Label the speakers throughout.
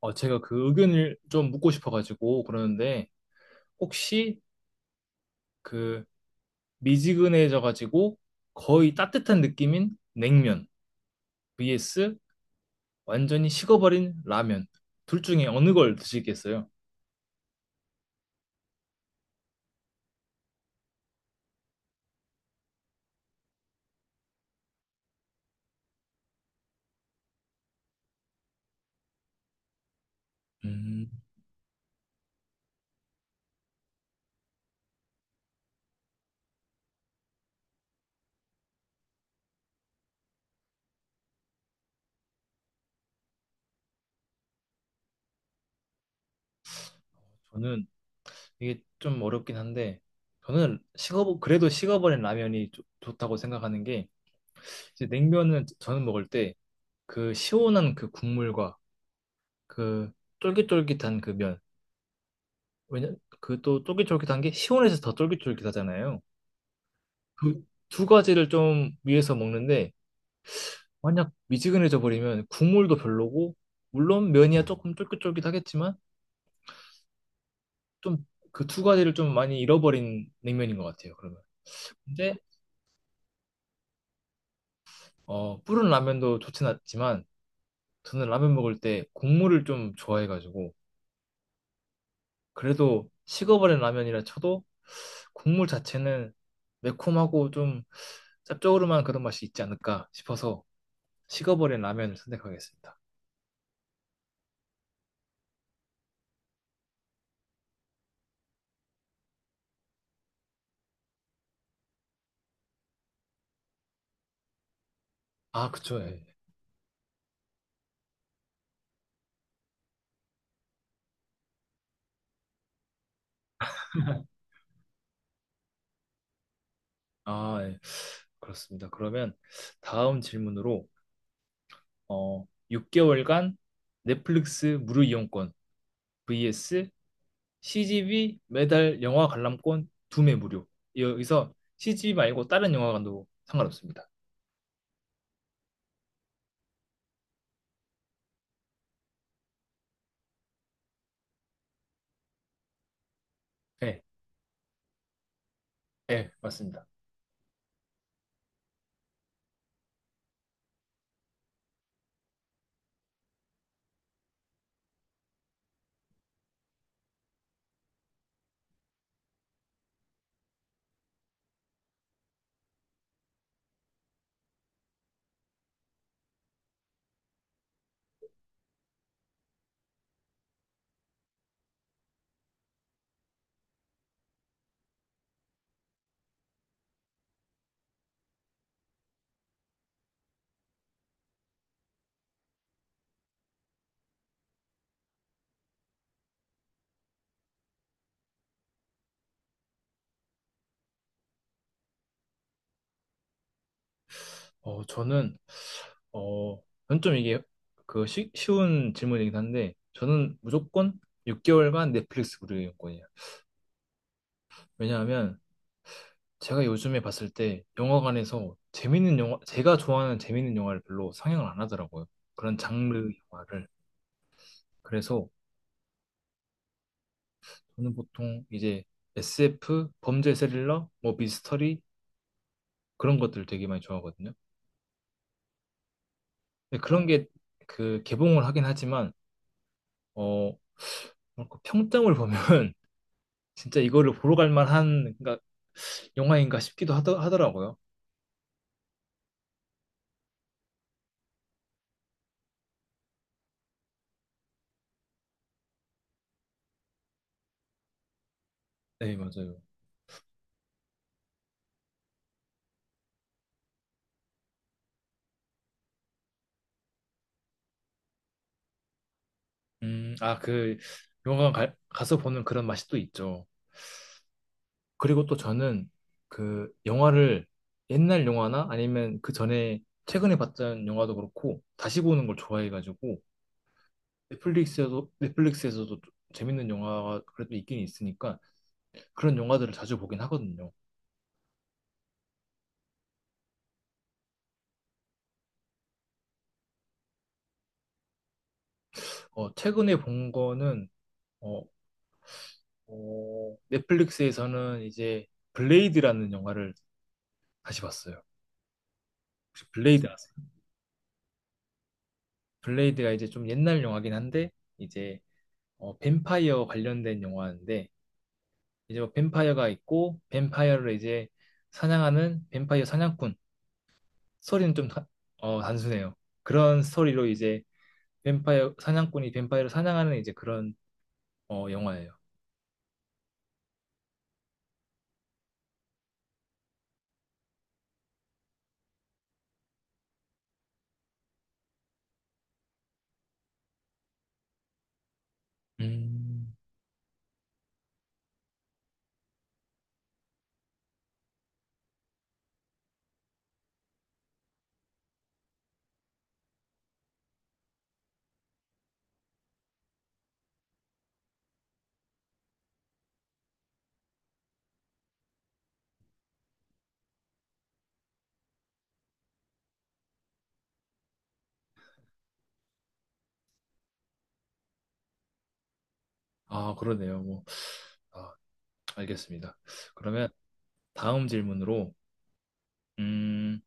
Speaker 1: 제가 그 의견을 좀 묻고 싶어가지고 그러는데 혹시 그 미지근해져가지고 거의 따뜻한 느낌인 냉면 vs 완전히 식어버린 라면 둘 중에 어느 걸 드시겠어요? 음, 저는 이게 좀 어렵긴 한데 저는 식어 그래도 식어버린 라면이 좋다고 생각하는 게 이제 냉면은 저는 먹을 때 그 시원한 그 국물과 그 쫄깃쫄깃한 그면 왜냐 그 또 쫄깃쫄깃한 게 시원해서 더 쫄깃쫄깃하잖아요. 그 두 가지를 좀 위해서 먹는데 만약 미지근해져 버리면 국물도 별로고 물론 면이야 조금 쫄깃쫄깃하겠지만 좀 그 두 가지를 좀 많이 잃어버린 냉면인 것 같아요. 그러면 근데 불은 라면도 좋진 않지만 저는 라면 먹을 때 국물을 좀 좋아해가지고 그래도 식어버린 라면이라 쳐도 국물 자체는 매콤하고 좀 짭조름한 그런 맛이 있지 않을까 싶어서 식어버린 라면을 선택하겠습니다. 아, 그쵸. 예. 아, 예. 그렇습니다. 그러면 다음 질문으로 어, 6개월간 넷플릭스 무료 이용권 vs CGV 매달 영화 관람권 2매 무료. 여기서 CGV 말고 다른 영화관도 상관없습니다. 예, 예, 맞습니다. 어, 저는 어, 저는 좀 이게 그 쉬운 질문이긴 한데 저는 무조건 6개월간 넷플릭스 무료 이용권이에요. 왜냐하면 제가 요즘에 봤을 때 영화관에서 재밌는 영화, 제가 좋아하는 재밌는 영화를 별로 상영을 안 하더라고요. 그런 장르 영화를. 그래서 저는 보통 이제 SF, 범죄 스릴러, 뭐 미스터리 그런 것들 되게 많이 좋아하거든요. 근데 그런 게 그 개봉을 하긴 하지만 어, 뭐랄까, 평점을 보면 진짜 이거를 보러 갈 만한 그러니까 영화인가 싶기도 하더라고요. 네, 맞아요. 그 영화관 가서 보는 그런 맛이 또 있죠. 그리고 또 저는 그 영화를 옛날 영화나 아니면 그 전에 최근에 봤던 영화도 그렇고 다시 보는 걸 좋아해가지고 넷플릭스에도 넷플릭스에서도 좀 재밌는 영화가 그래도 있긴 있으니까 그런 영화들을 자주 보긴 하거든요. 최근에 본 거는 어, 넷플릭스에서는 이제 블레이드라는 영화를 다시 봤어요. 혹시 블레이드 아세요? 블레이드가 이제 좀 옛날 영화긴 한데 이제 뱀파이어 관련된 영화인데 이제 뭐 뱀파이어가 있고 뱀파이어를 이제 사냥하는 뱀파이어 사냥꾼 스토리는 좀 단순해요. 그런 스토리로 이제 뱀파이어 사냥꾼이 뱀파이어를 사냥하는 이제 그런 영화예요. 음. 아 그러네요. 뭐 아, 알겠습니다. 그러면 다음 질문으로 음,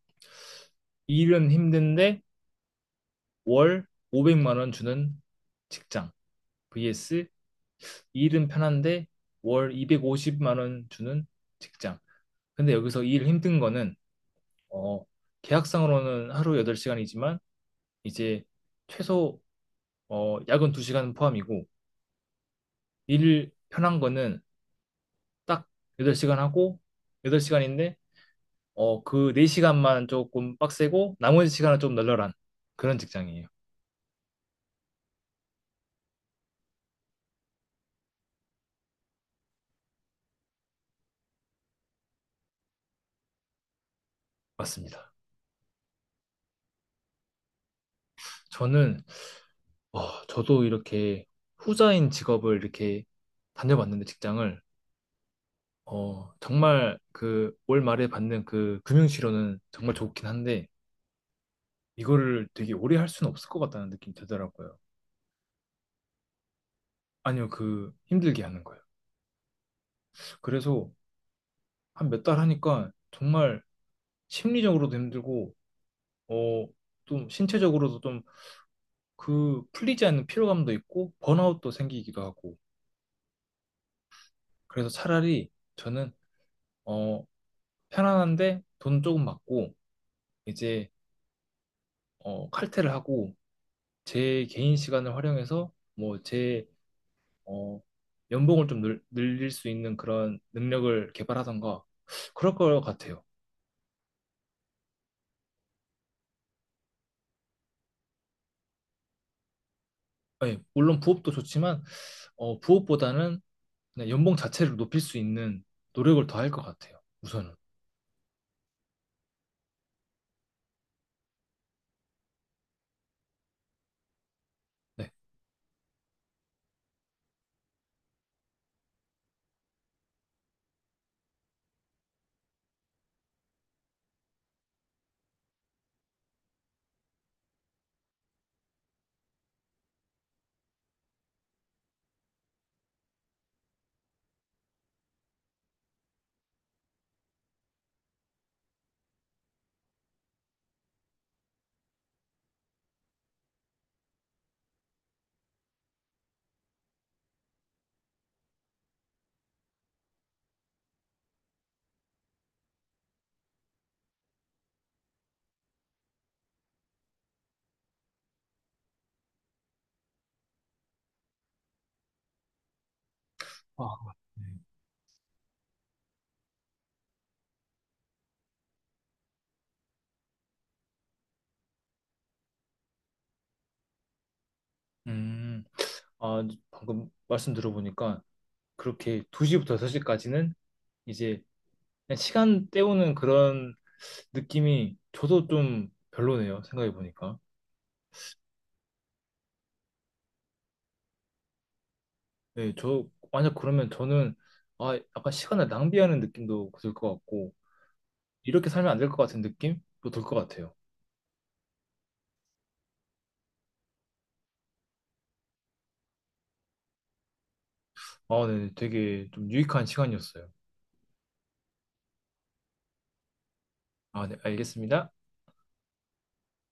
Speaker 1: 일은 힘든데 월 500만 원 주는 직장 vs 일은 편한데 월 250만 원 주는 직장 근데 여기서 일 힘든 거는 어, 계약상으로는 하루 8시간이지만 이제 최소 야근 2시간 포함이고 일 편한 거는 딱 8시간 하고 8시간인데 그 4시간만 조금 빡세고 나머지 시간은 좀 널널한 그런 직장이에요. 맞습니다. 저는 저도 이렇게 후자인 직업을 이렇게 다녀봤는데 직장을 정말 그 올 말에 받는 그 금융치료는 정말 좋긴 한데 이거를 되게 오래 할 수는 없을 것 같다는 느낌이 들더라고요. 아니요, 그 힘들게 하는 거예요. 그래서 한 몇 달 하니까 정말 심리적으로도 힘들고, 어, 좀 신체적으로도 좀 그 풀리지 않는 피로감도 있고, 번아웃도 생기기도 하고. 그래서 차라리 저는, 어, 편안한데 돈 조금 받고, 이제, 칼퇴를 하고, 제 개인 시간을 활용해서, 뭐, 제 어, 연봉을 좀 늘릴 수 있는 그런 능력을 개발하던가 그럴 것 같아요. 예, 물론 부업도 좋지만 부업보다는 그냥 연봉 자체를 높일 수 있는 노력을 더 할 것 같아요. 우선은. 네. 아, 네. 음, 아, 방금 말씀 들어보니까 그렇게 2시부터 6시까지는 이제 그냥 시간 때우는 그런 느낌이 저도 좀 별로네요. 생각해 보니까. 네, 만약 그러면 저는 아 약간 시간을 낭비하는 느낌도 들 것 같고 이렇게 살면 안 될 것 같은 느낌도 들 것 같아요. 아, 네, 되게 좀 유익한 시간이었어요. 아, 네, 알겠습니다.